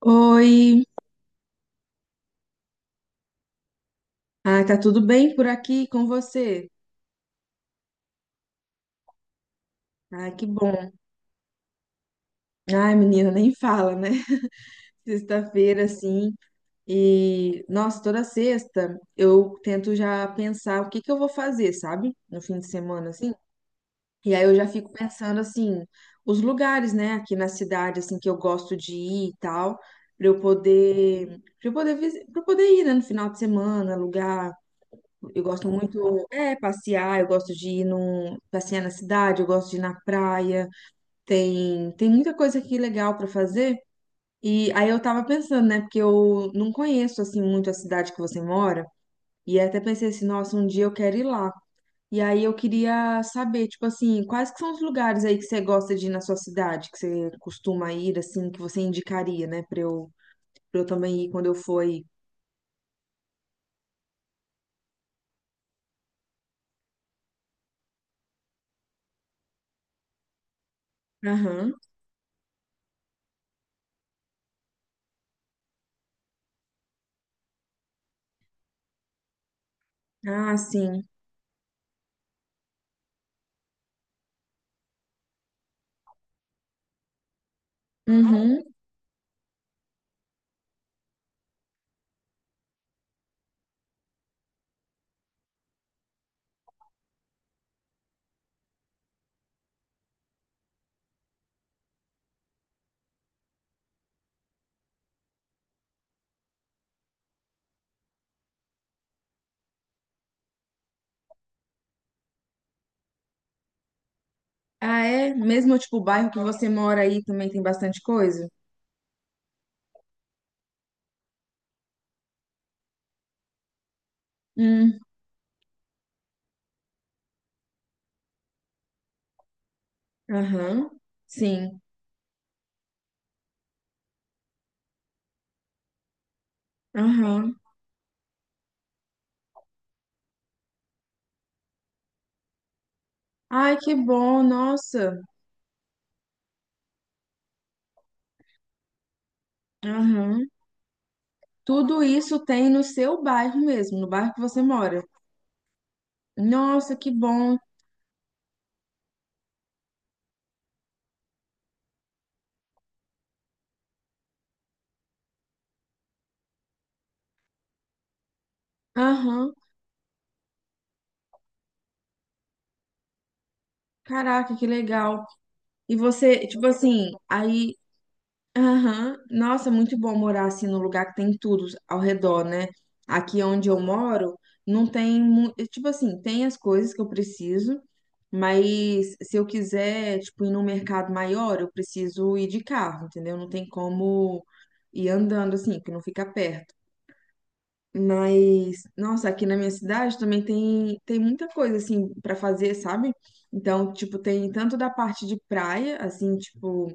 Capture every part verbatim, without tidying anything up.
Oi, ah, tá tudo bem por aqui com você? Ah, que bom. Ai, menina, nem fala, né? Sexta-feira, assim, e nossa, toda sexta eu tento já pensar o que que eu vou fazer, sabe? No fim de semana, assim. E aí eu já fico pensando, assim, os lugares, né, aqui na cidade, assim, que eu gosto de ir e tal, pra eu poder, pra eu poder, visi- pra eu poder ir, né, no final de semana, alugar. Eu gosto muito, é, passear, eu gosto de ir num, passear na cidade, eu gosto de ir na praia. Tem, tem muita coisa aqui legal para fazer. E aí eu tava pensando, né, porque eu não conheço assim muito a cidade que você mora, e até pensei assim, nossa, um dia eu quero ir lá. E aí eu queria saber, tipo assim, quais que são os lugares aí que você gosta de ir na sua cidade, que você costuma ir assim, que você indicaria, né, para eu, para eu também ir quando eu for aí. Aham. Ah, sim. Uhum. Ah, é? Mesmo, tipo, o bairro que você mora aí também tem bastante coisa? Hum, aham, sim, aham. Ai, que bom, nossa, aham. Tudo isso tem no seu bairro mesmo, no bairro que você mora. Nossa, que bom, aham. Caraca, que legal. E você, tipo assim, aí. Aham. Nossa, muito bom morar assim num lugar que tem tudo ao redor, né? Aqui onde eu moro, não tem, mu- eh, tipo assim, tem as coisas que eu preciso, mas se eu quiser, tipo, ir num mercado maior, eu preciso ir de carro, entendeu? Não tem como ir andando assim, que não fica perto. Mas, nossa, aqui na minha cidade também tem, tem muita coisa assim para fazer, sabe? Então, tipo, tem tanto da parte de praia, assim, tipo,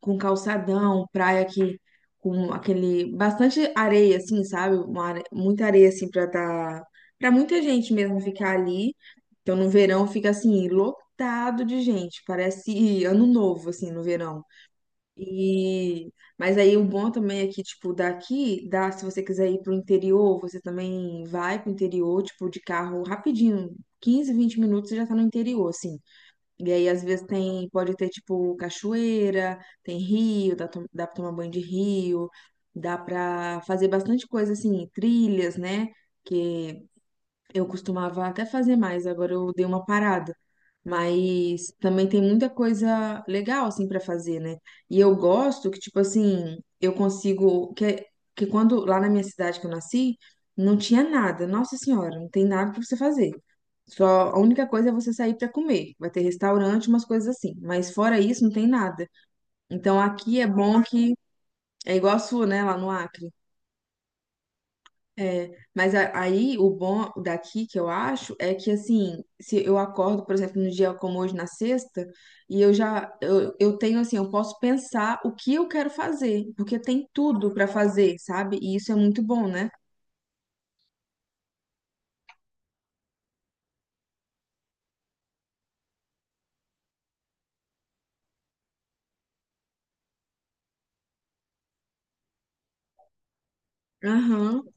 com calçadão, praia que com aquele bastante areia assim, sabe? Uma are- muita areia assim para tá para muita gente mesmo ficar ali. Então no verão fica assim lotado de gente, parece ano novo assim no verão. E mas aí o bom também é que tipo daqui, dá se você quiser ir pro interior, você também vai pro interior, tipo de carro rapidinho, quinze, vinte minutos você já tá no interior assim. E aí, às vezes, tem, pode ter, tipo, cachoeira, tem rio, dá, to- dá pra tomar banho de rio, dá pra fazer bastante coisa, assim, trilhas, né? Que eu costumava até fazer mais, agora eu dei uma parada. Mas também tem muita coisa legal assim para fazer, né? E eu gosto que tipo assim, eu consigo que que quando lá na minha cidade que eu nasci, não tinha nada. Nossa Senhora, não tem nada para você fazer. Só a única coisa é você sair para comer. Vai ter restaurante, umas coisas assim, mas fora isso não tem nada. Então aqui é bom que é igual a sua, né, lá no Acre. É, mas a- aí o bom daqui que eu acho é que assim, se eu acordo, por exemplo, num dia como hoje na sexta, e eu já eu, eu tenho assim, eu posso pensar o que eu quero fazer, porque tem tudo pra fazer, sabe? E isso é muito bom, né? Aham,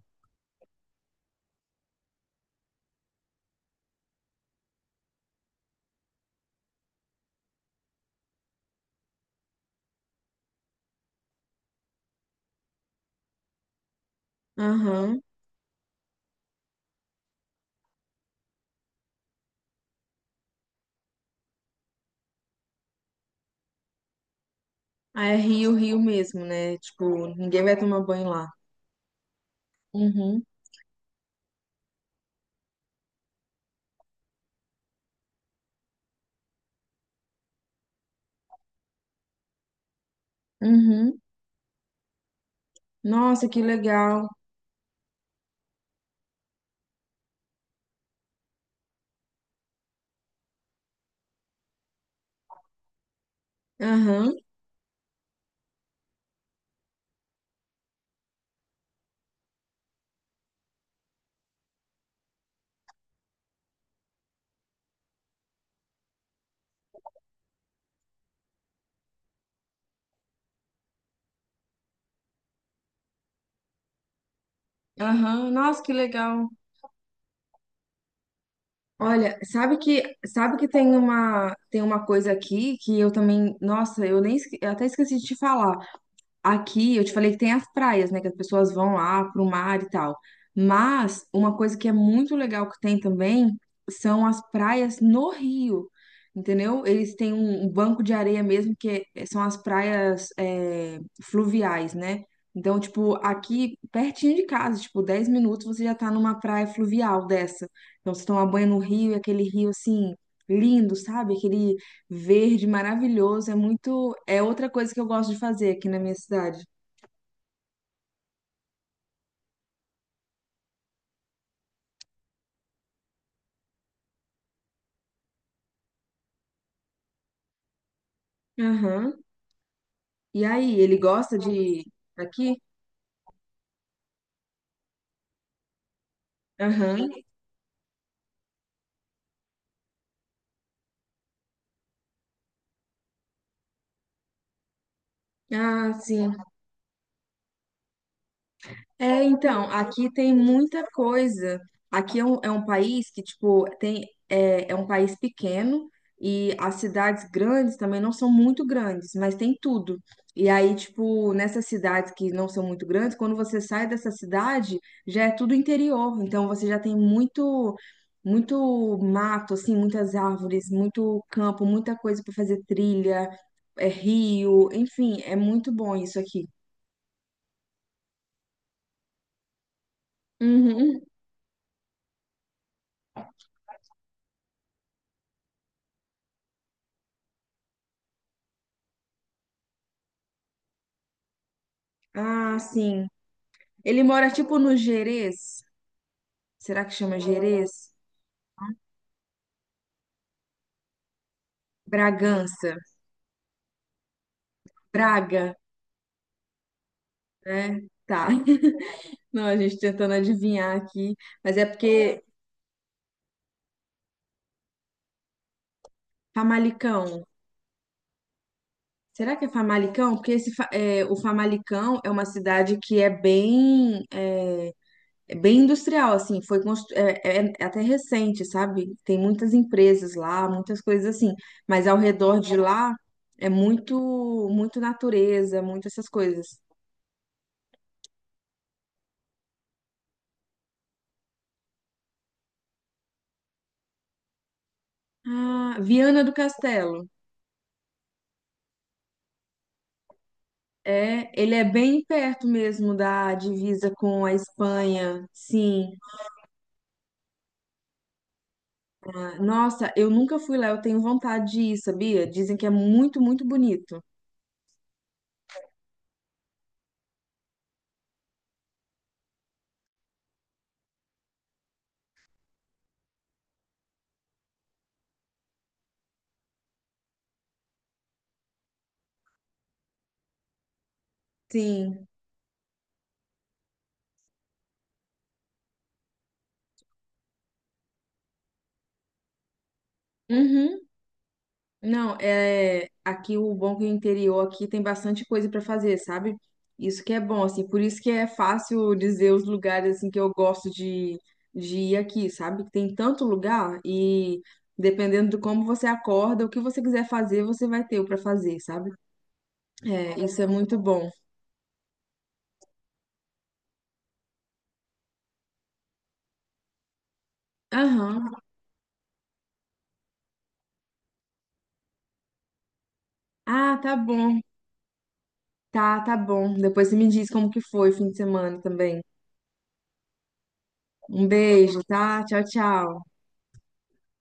aham. Ah, é Rio, Rio mesmo, né? Tipo, ninguém vai tomar banho lá. Uhum, uhum. Nossa, que legal. Aham, aham. Nossa, que legal. Olha, sabe que sabe que tem uma tem uma coisa aqui que eu também, nossa, eu nem esque- eu até esqueci de te falar. Aqui eu te falei que tem as praias, né? Que as pessoas vão lá pro mar e tal. Mas uma coisa que é muito legal que tem também são as praias no Rio, entendeu? Eles têm um um banco de areia mesmo, que é- são as praias é, fluviais, né? Então, tipo, aqui pertinho de casa, tipo, dez minutos você já tá numa praia fluvial dessa. Então, você toma banho no rio, e aquele rio assim, lindo, sabe? Aquele verde, maravilhoso, é muito, é outra coisa que eu gosto de fazer aqui na minha cidade. Aham. E aí, ele gosta de aqui? Aham. Ah, sim. É, então, aqui tem muita coisa. Aqui é um, é um país que, tipo, tem, é, é um país pequeno e as cidades grandes também não são muito grandes, mas tem tudo. E aí, tipo, nessas cidades que não são muito grandes, quando você sai dessa cidade, já é tudo interior. Então, você já tem muito, muito mato, assim, muitas árvores, muito campo, muita coisa para fazer trilha, é rio, enfim, é muito bom isso aqui. Uhum. Ah, sim. Ele mora tipo no Gerês. Será que chama Gerês? Bragança, Braga, né? Tá. Não, a gente tentando adivinhar aqui, mas é porque Famalicão. Será que é Famalicão? Porque esse, fa- é, o Famalicão é uma cidade que é bem, é, é bem industrial, assim, foi constru... é, é- é até recente, sabe? Tem muitas empresas lá, muitas coisas assim, mas ao redor de lá é muito, muito natureza, muito essas coisas. Ah, Viana do Castelo. É, ele é bem perto mesmo da divisa com a Espanha. Sim. Ah, nossa, eu nunca fui lá, eu tenho vontade de ir, sabia? Dizem que é muito, muito bonito. Sim. Uhum. Não, é aqui o bom é que o interior aqui tem bastante coisa para fazer, sabe? Isso que é bom, assim, por isso que é fácil dizer os lugares assim que eu gosto de, de ir aqui, sabe? Que tem tanto lugar e dependendo de como você acorda, o que você quiser fazer, você vai ter o para fazer, sabe? É, isso é muito bom. Aham. Ah, tá bom. Tá, tá bom. Depois você me diz como que foi o fim de semana também. Um beijo, tá? Tchau, tchau.